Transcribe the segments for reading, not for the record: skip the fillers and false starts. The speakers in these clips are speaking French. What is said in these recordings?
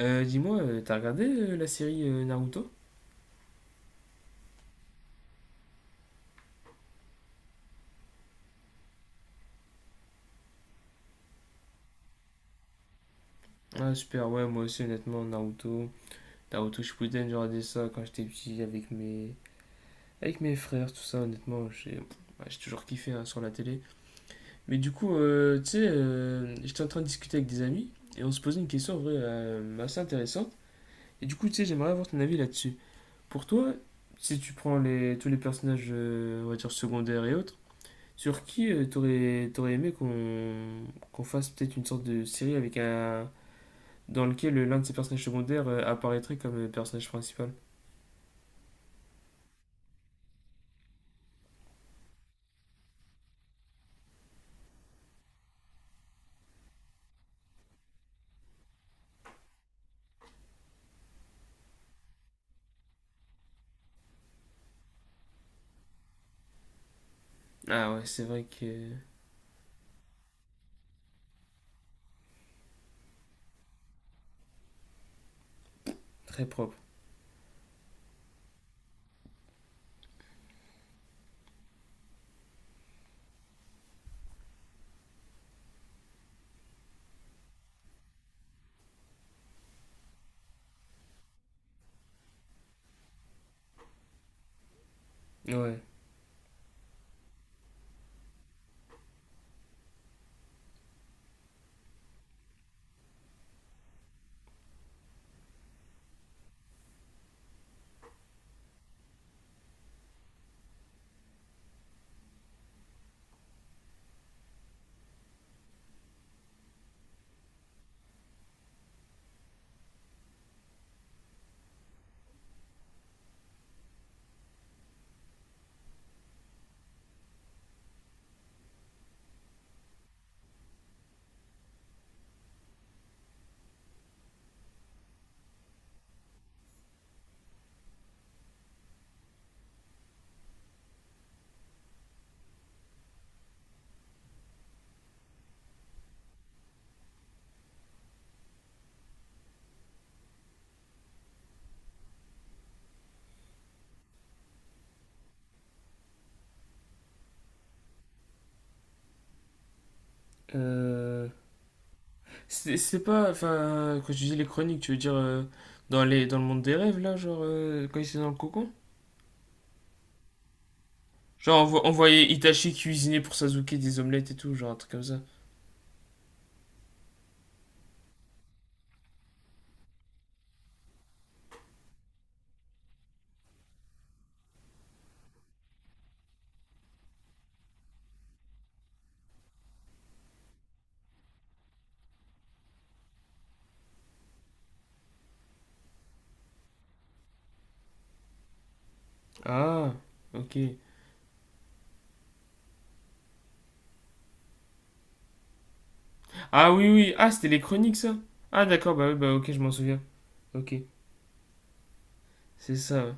Dis-moi, t'as regardé la série Naruto? Ah super, ouais, moi aussi honnêtement, Naruto, Naruto Shippuden, j'ai regardé ça quand j'étais petit avec mes frères, tout ça, honnêtement, j'ai toujours kiffé hein, sur la télé. Mais du coup, tu sais, j'étais en train de discuter avec des amis et on se posait une question en vrai assez intéressante. Et du coup, tu sais, j'aimerais avoir ton avis là-dessus. Pour toi, si tu prends les tous les personnages, on va dire secondaires et autres, sur qui t'aurais aimé qu'on fasse peut-être une sorte de série avec un dans lequel l'un de ses personnages secondaires apparaîtrait comme personnage principal? Ah ouais, c'est vrai que très propre. Ouais. Euh, c'est pas enfin quand je dis les chroniques, tu veux dire dans les dans le monde des rêves là, quand ils étaient dans le cocon? Genre on, on voyait Itachi cuisiner pour Sasuke des omelettes et tout, genre un truc comme ça. Ah, ok. Ah oui oui, ah c'était les chroniques ça. Ah d'accord, bah oui, bah ok, je m'en souviens. Ok. C'est ça, ouais,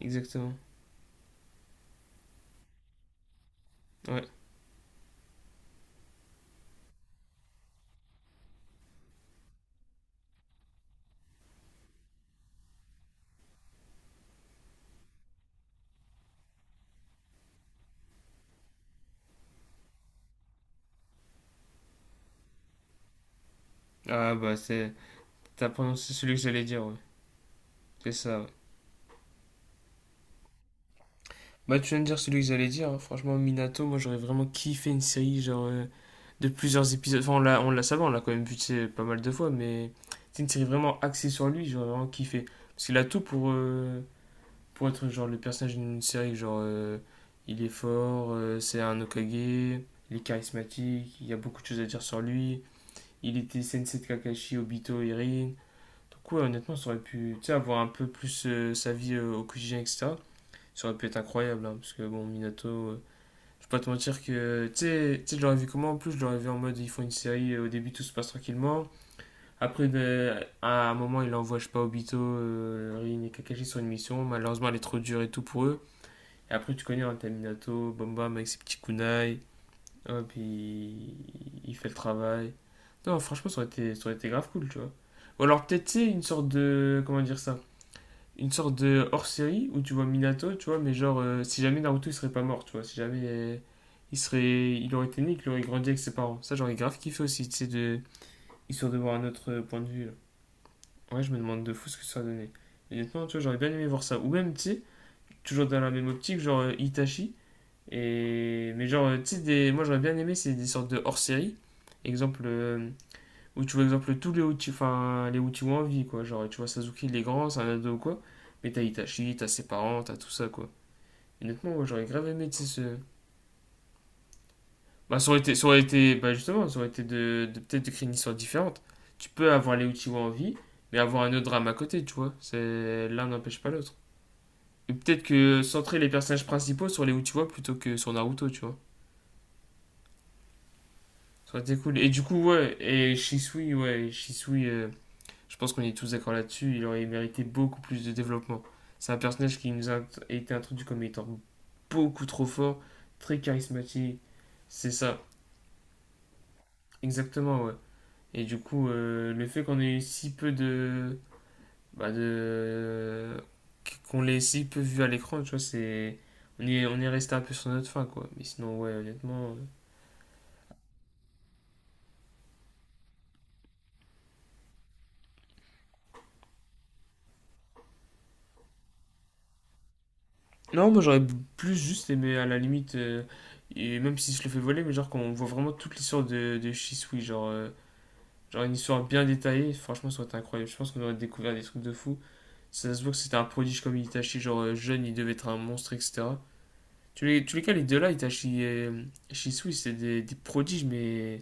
exactement. Ouais. Ah bah c'est... T'as prononcé celui que j'allais dire, ouais. C'est ça, ouais. Bah tu viens de dire celui que j'allais dire, hein. Franchement, Minato, moi j'aurais vraiment kiffé une série de plusieurs épisodes. Enfin, on l'a ça va, on l'a quand même vu tu sais, pas mal de fois, mais c'est une série vraiment axée sur lui, j'aurais vraiment kiffé. Parce qu'il a tout pour être genre le personnage d'une série, il est fort, c'est un Hokage, il est charismatique, il y a beaucoup de choses à dire sur lui. Il était Sensei de Kakashi, Obito, Irin. Donc ouais, honnêtement, ça aurait pu, tu sais, avoir un peu plus sa vie au quotidien, etc. Ça aurait pu être incroyable, hein, parce que bon, Minato, je peux pas te mentir que, tu sais, je l'aurais vu comment. En plus, je l'aurais vu en mode, ils font une série, au début tout se passe tranquillement. Après, ben, à un moment, il envoie, je sais pas, Obito, Rin et Kakashi sur une mission. Malheureusement, elle est trop dure et tout pour eux. Et après, tu connais, hein, t'as Minato, bam avec ses petits kunai. Hop, il fait le travail. Non, franchement, ça aurait été grave cool, tu vois. Ou alors, peut-être, tu sais, une sorte de. Comment dire ça, une sorte de hors-série où tu vois Minato, tu vois, mais genre, si jamais Naruto il serait pas mort, tu vois, si jamais il serait, il aurait été né, qu'il aurait grandi avec ses parents. Ça, j'aurais grave kiffé aussi, tu sais, de, histoire de voir un autre point de vue là. Ouais, je me demande de fou ce que ça va donner. Honnêtement, tu vois, j'aurais bien aimé voir ça. Ou même, tu sais, toujours dans la même optique, Itachi. Et... Mais genre, tu sais, des... moi j'aurais bien aimé, c'est des sortes de hors-série. Exemple, où tu vois, exemple, tous les outils, enfin, les outils ont envie, quoi. Genre, tu vois, Sasuke, il est grand, c'est un ado ou quoi. Mais t'as Itachi, t'as ses parents, t'as tout ça, quoi. Et honnêtement, moi, j'aurais grave aimé, tu sais, ce. Bah, bah, justement, ça aurait été de, peut-être de créer une histoire différente. Tu peux avoir les outils en vie, mais avoir un autre drame à côté, tu vois. C'est, l'un n'empêche pas l'autre. Et peut-être que centrer les personnages principaux sur les Uchiwa plutôt que sur Naruto, tu vois. Ça aurait été cool. Et du coup, ouais, et Shisui, ouais, Shisui, je pense qu'on est tous d'accord là-dessus, il aurait mérité beaucoup plus de développement. C'est un personnage qui nous a été introduit comme étant beaucoup trop fort, très charismatique. C'est ça, exactement, ouais. Et du coup, le fait qu'on ait si peu de. Bah de qu'on l'ait si peu vu à l'écran, tu vois, c'est. On est resté un peu sur notre fin, quoi. Mais sinon, ouais, honnêtement. Non, moi j'aurais plus juste aimé, à la limite, et même si je le fais voler, mais genre qu'on voit vraiment toute l'histoire de Shisui, genre. Genre une histoire bien détaillée, franchement, ça aurait été incroyable. Je pense qu'on aurait découvert des trucs de fou. Si ça se voit que c'était un prodige comme Itachi, jeune, il devait être un monstre, etc. Tu les, tous les cas, les deux là, Itachi et Shisui, c'est des prodiges, mais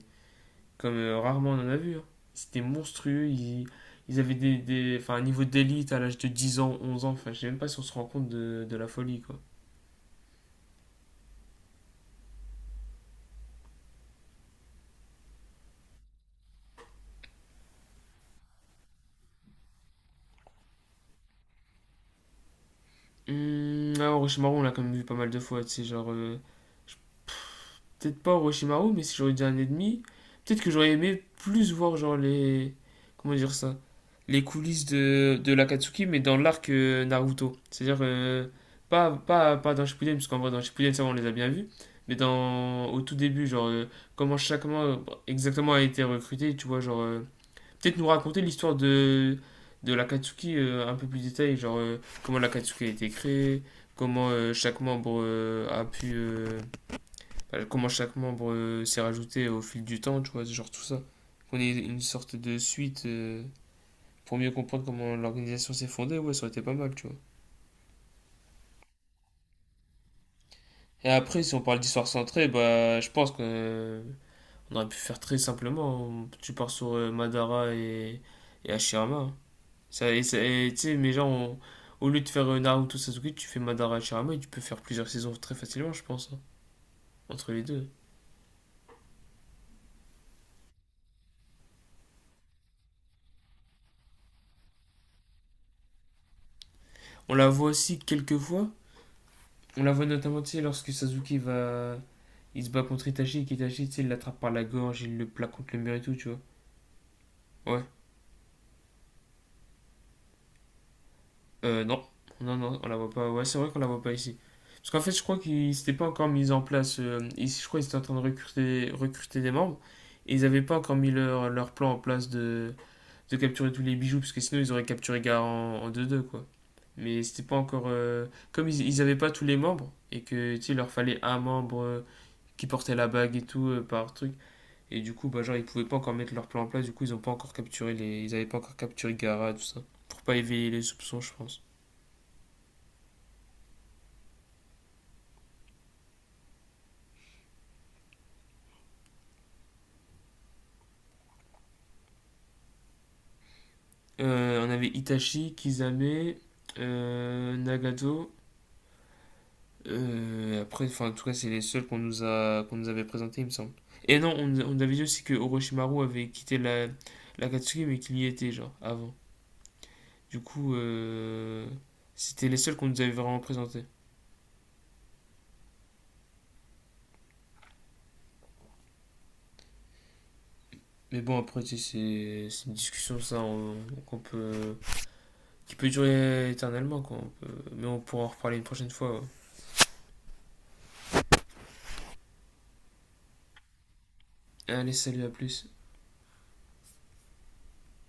comme rarement on en a vu, hein. C'était monstrueux, ils avaient des, enfin, un niveau d'élite à l'âge de 10 ans, 11 ans, enfin, je sais même pas si on se rend compte de la folie, quoi. Ah, Orochimaru, on l'a quand même vu pas mal de fois, tu sais, genre... peut-être pas Orochimaru, mais si j'aurais dit un ennemi, peut-être que j'aurais aimé plus voir genre les, comment dire ça, les coulisses de l'Akatsuki mais dans l'arc Naruto. C'est-à-dire pas dans Shippuden parce qu'en vrai dans Shippuden ça on les a bien vus, mais dans au tout début comment chacun exactement a été recruté, tu vois peut-être nous raconter l'histoire de l'Akatsuki un peu plus détaillée, comment l'Akatsuki a été créé, comment chaque membre a pu bah, comment chaque membre s'est rajouté au fil du temps, tu vois, genre tout ça. Qu'on ait une sorte de suite pour mieux comprendre comment l'organisation s'est fondée, ouais, ça aurait été pas mal, tu vois. Et après, si on parle d'histoire centrée, bah, je pense qu'on aurait pu faire très simplement. On- tu pars sur Madara et Hashirama, hein. Ça, et ça- et tu sais, mais genre, on- au lieu de faire Naruto Sasuke, tu fais Madara Hashirama et tu peux faire plusieurs saisons très facilement, je pense, hein, entre les deux. On la voit aussi quelques fois. On la voit notamment, tu sais, lorsque Sasuke va. Il se bat contre Itachi et qu'Itachi, tu sais, il l'attrape par la gorge, il le plaque contre le mur et tout, tu vois. Ouais. Euh, non. Non, non, on la voit pas. Ouais, c'est vrai qu'on la voit pas ici. Parce qu'en fait, je crois qu'ils s'étaient pas encore mis en place. Je crois qu'ils étaient en train de recruter des membres. Et ils avaient pas encore mis leur, leur plan en place de capturer tous les bijoux, parce que sinon ils auraient capturé Gaara en deux deux quoi. Mais c'était pas encore. Comme ils avaient pas tous les membres, et que, tu sais, il leur fallait un membre qui portait la bague et tout, par truc. Et du coup, bah, genre, ils pouvaient pas encore mettre leur plan en place, du coup, ils ont pas encore capturé les... Ils avaient pas encore capturé Gara, tout ça. Pour pas éveiller les soupçons, je pense. On avait Itachi, Kisame, Nagato. Après, enfin, en tout cas, c'est les seuls qu'on nous a... qu'on nous avait présentés, il me semble. Et non, on avait dit aussi que Orochimaru avait quitté la Katsuki, mais qu'il y était, genre, avant. Du coup, c'était les seuls qu'on nous avait vraiment présentés. Mais bon, après, c'est une discussion, ça, qu'on peut, qui peut durer éternellement, quoi. On peut- mais on pourra en reparler une prochaine fois, ouais. Allez, salut, à plus.